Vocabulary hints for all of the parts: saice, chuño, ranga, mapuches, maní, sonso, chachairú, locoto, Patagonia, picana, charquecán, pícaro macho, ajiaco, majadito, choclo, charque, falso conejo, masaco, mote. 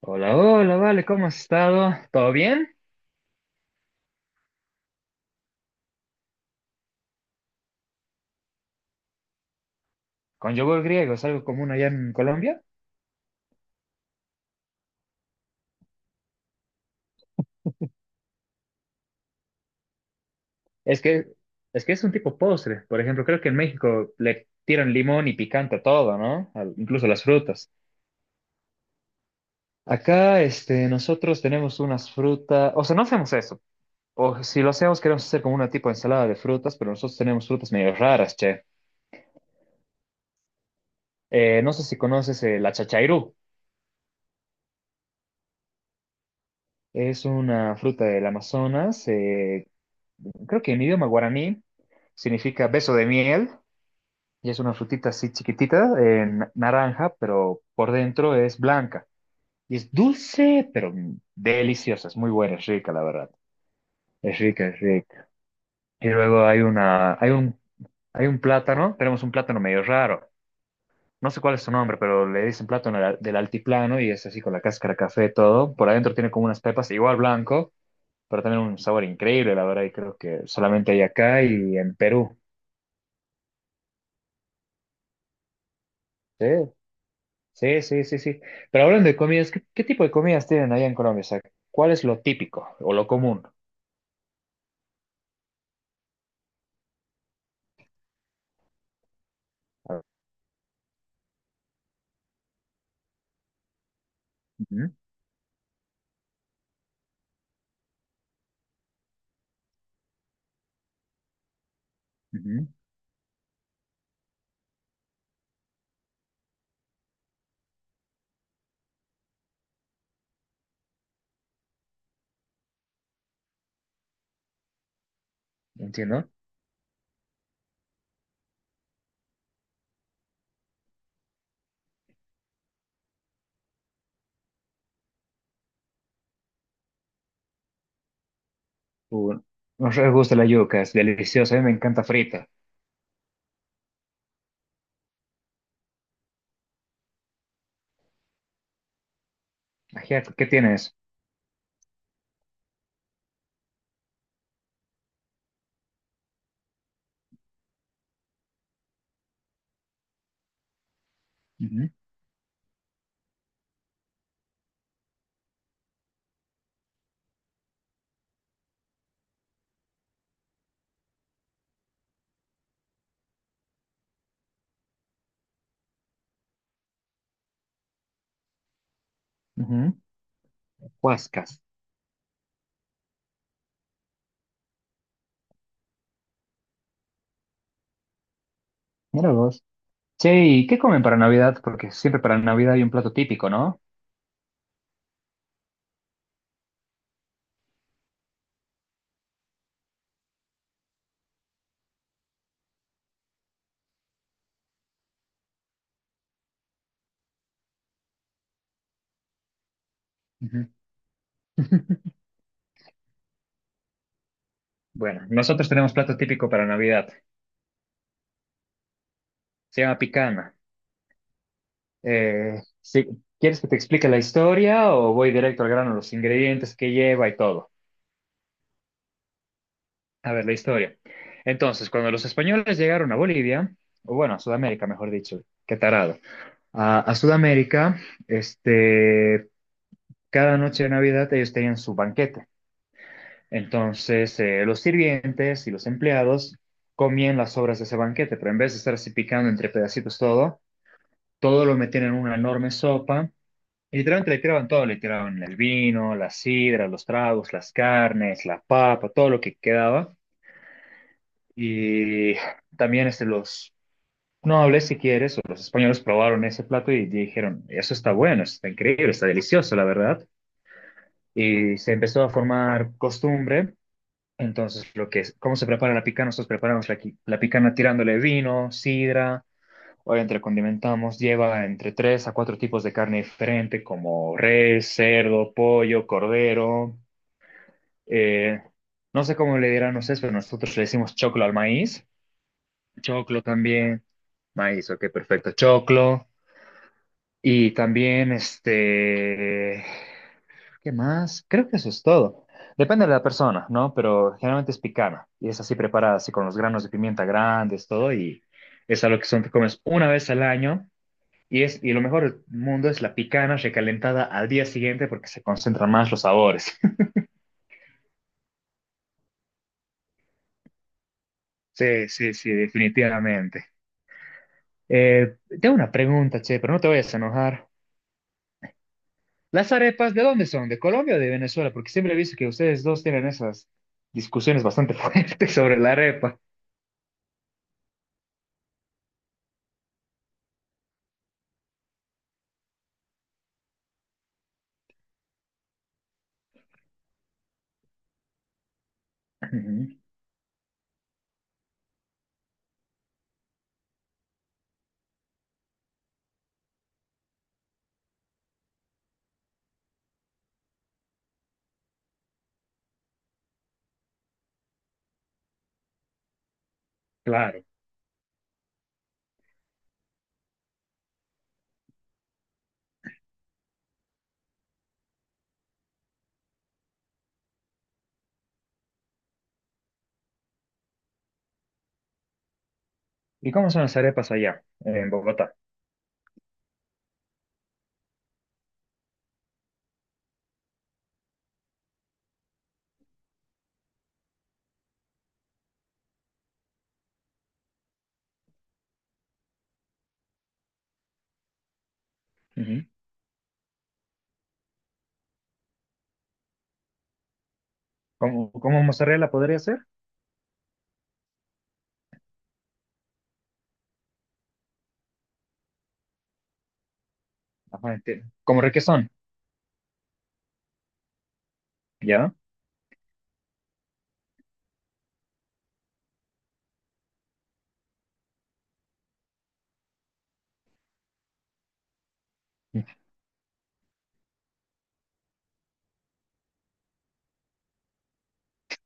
Hola, hola, vale, ¿cómo has estado? ¿Todo bien? Con yogur griego, ¿es algo común allá en Colombia? Es que, es que es un tipo postre. Por ejemplo, creo que en México le tiran limón y picante a todo, ¿no? Incluso las frutas. Acá, nosotros tenemos unas frutas, o sea, no hacemos eso. O si lo hacemos, queremos hacer como una tipo de ensalada de frutas, pero nosotros tenemos frutas medio raras, che. No sé si conoces la chachairú. Es una fruta del Amazonas, creo que en idioma guaraní significa beso de miel. Y es una frutita así chiquitita, naranja, pero por dentro es blanca. Y es dulce, pero deliciosa. Es muy buena, es rica, la verdad. Es rica, es rica. Y luego hay un plátano. Tenemos un plátano medio raro. No sé cuál es su nombre, pero le dicen plátano del altiplano y es así con la cáscara café todo. Por adentro tiene como unas pepas, igual blanco, pero también un sabor increíble, la verdad. Y creo que solamente hay acá y en Perú. ¿Sí? Sí, sí, sí, sí. Pero hablando de comidas, ¿qué tipo de comidas tienen allá en Colombia? O sea, ¿cuál es lo típico o lo común? A ver. Ujú. Ujú. Entiendo. Uh, Nos re gusta la yuca, es deliciosa, a mí me encanta frita. Ajiaco, ¿qué tienes? Ujú. Ujú. Huascas. Mira vos. Che, ¿y qué comen para Navidad? Porque siempre para Navidad hay un plato típico, ¿no? Ujú. Bueno, nosotros tenemos plato típico para Navidad. Se llama picana. Sí, ¿quieres que te explique la historia o voy directo al grano, los ingredientes que lleva y todo? A ver, la historia. Entonces, cuando los españoles llegaron a Bolivia, o bueno, a Sudamérica, mejor dicho, qué tarado, a Sudamérica, este, cada noche de Navidad ellos tenían su banquete. Entonces, los sirvientes y los empleados comían las sobras de ese banquete, pero en vez de estar así picando entre pedacitos todo, todo lo metían en una enorme sopa. Y literalmente le tiraban todo, le tiraban el vino, la sidra, los tragos, las carnes, la papa, todo lo que quedaba. Y también este, los no hablé si quieres, o los españoles probaron ese plato y dijeron, eso está bueno, está increíble, está delicioso, la verdad. Y se empezó a formar costumbre. Entonces, lo que es, ¿cómo se prepara la picana? Nosotros preparamos la picana tirándole vino, sidra, obviamente la condimentamos, lleva entre tres a cuatro tipos de carne diferente, como res, cerdo, pollo, cordero. eh, no sé cómo le dirán ustedes, pero nosotros le decimos choclo al maíz, choclo también, maíz, ok, perfecto, choclo. Y también, ¿qué más? Creo que eso es todo. Depende de la persona, ¿no? Pero generalmente es picana y es así preparada, así con los granos de pimienta grandes, todo, y es algo que son, te comes una vez al año. Y lo mejor del mundo es la picana recalentada al día siguiente porque se concentran más los sabores. Sí, sí, sí, definitivamente. Tengo una pregunta, che, pero no te vayas a enojar. Las arepas, ¿de dónde son? ¿De Colombia o de Venezuela? Porque siempre he visto que ustedes dos tienen esas discusiones bastante fuertes sobre la arepa. Ujú. Claro. ¿Y cómo son las arepas allá, en Bogotá? Ujú. ¿Cómo mozzarella podría ser? Ajá, entiendo. Como requesón, ¿ya?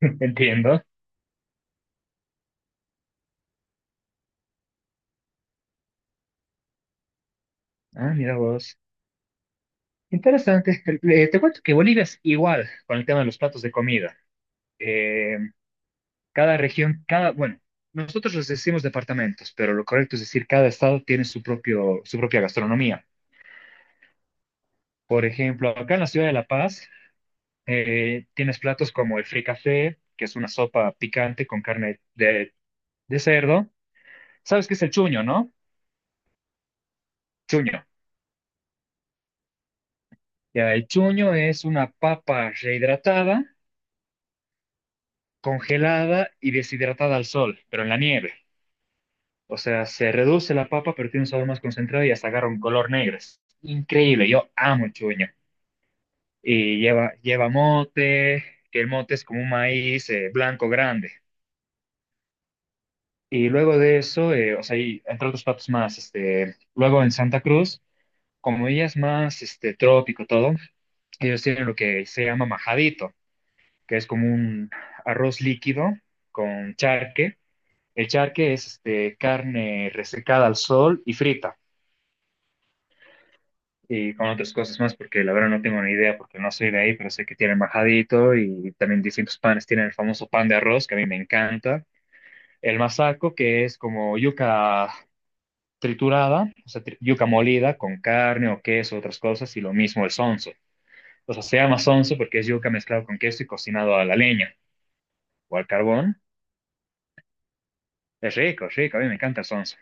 Entiendo. Ah, mira vos. Interesante. Te cuento que Bolivia es igual con el tema de los platos de comida. Eh, Cada región, bueno, nosotros les decimos departamentos, pero lo correcto es decir, cada estado tiene su propia gastronomía. Por ejemplo, acá en la ciudad de La Paz tienes platos como el fricasé, que es una sopa picante con carne de cerdo. ¿Sabes qué es el chuño, no? Chuño. Ya, el chuño es una papa rehidratada, congelada y deshidratada al sol, pero en la nieve. O sea, se reduce la papa, pero tiene un sabor más concentrado y hasta agarra un color negro. Es increíble, yo amo el chuño. Y lleva mote, que el mote es como un maíz blanco grande. Y luego de eso, o sea, y entre otros platos más, luego en Santa Cruz, como ella es más, trópico todo, ellos tienen lo que se llama majadito, que es como un arroz líquido con charque. El charque es, carne resecada al sol y frita, y con otras cosas más, porque la verdad no tengo ni idea, porque no soy de ahí, pero sé que tienen majadito y también distintos panes. Tienen el famoso pan de arroz, que a mí me encanta. El masaco, que es como yuca triturada, o sea, yuca molida con carne o queso, otras cosas, y lo mismo el sonso. O sea, se llama sonso porque es yuca mezclado con queso y cocinado a la leña o al carbón. Es rico, a mí me encanta el sonso.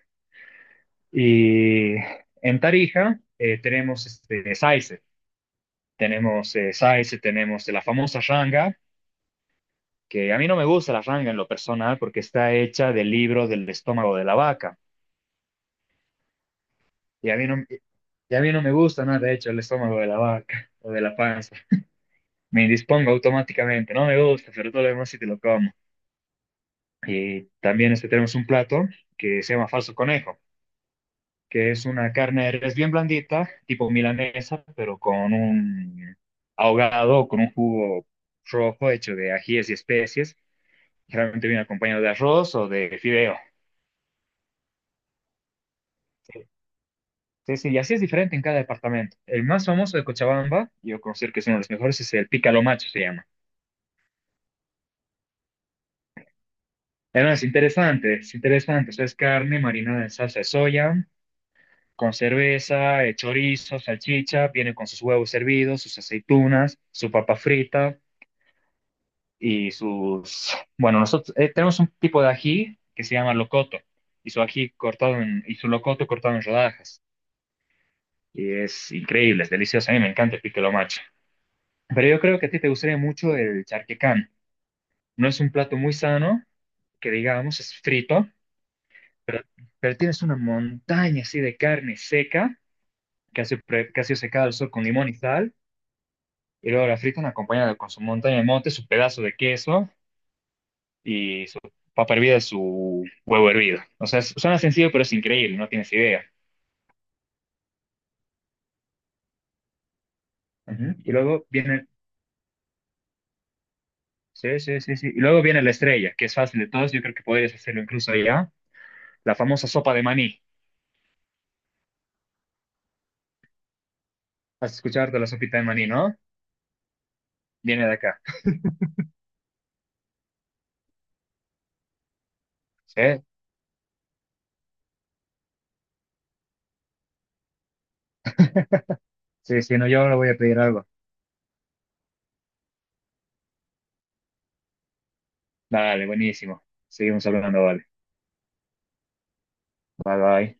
Y en Tarija tenemos saice, tenemos saice, tenemos la famosa ranga, que a mí no me gusta la ranga en lo personal porque está hecha del libro del estómago de la vaca. Y a mí no, y a mí no me gusta nada hecho el estómago de la vaca o de la panza. Me indispongo automáticamente, no me gusta, pero todo lo demás sí te lo como. Y también tenemos un plato que se llama falso conejo, que es una carne de res bien blandita, tipo milanesa, pero con un ahogado, con un jugo rojo hecho de ajíes y especies, generalmente viene acompañado de arroz o de fideo. Sí, sí, y así es diferente en cada departamento. El más famoso de Cochabamba, yo considero que es uno de los mejores, es el pícaro macho, se llama. Además, es interesante, es interesante. O sea, es carne marinada en salsa de soya, con cerveza, chorizo, salchicha, viene con sus huevos servidos, sus aceitunas, su papa frita y sus... Bueno, nosotros tenemos un tipo de ají que se llama locoto y su ají cortado en, y su locoto cortado en rodajas. Y es increíble, es delicioso. A mí me encanta el piquelo macho. Pero yo creo que a ti te gustaría mucho el charquecán. No es un plato muy sano, que digamos, es frito, pero, pero tienes una montaña así de carne seca, que ha sido secada al sol con limón y sal. Y luego la fritan acompañada con su montaña de mote, su pedazo de queso y su papa hervida y su huevo hervido. O sea, suena sencillo, pero es increíble, no tienes idea. Ujú. Y luego viene, sí, sí, sí, sí. Y luego viene la estrella, que es fácil de todos, yo creo que podrías hacerlo incluso allá. La famosa sopa de maní. Has escuchado de la sopita de maní, ¿no? Viene de acá. Sí, sí, sí, no, yo ahora voy a pedir algo. Dale, buenísimo. Seguimos hablando, vale. Bye, bye.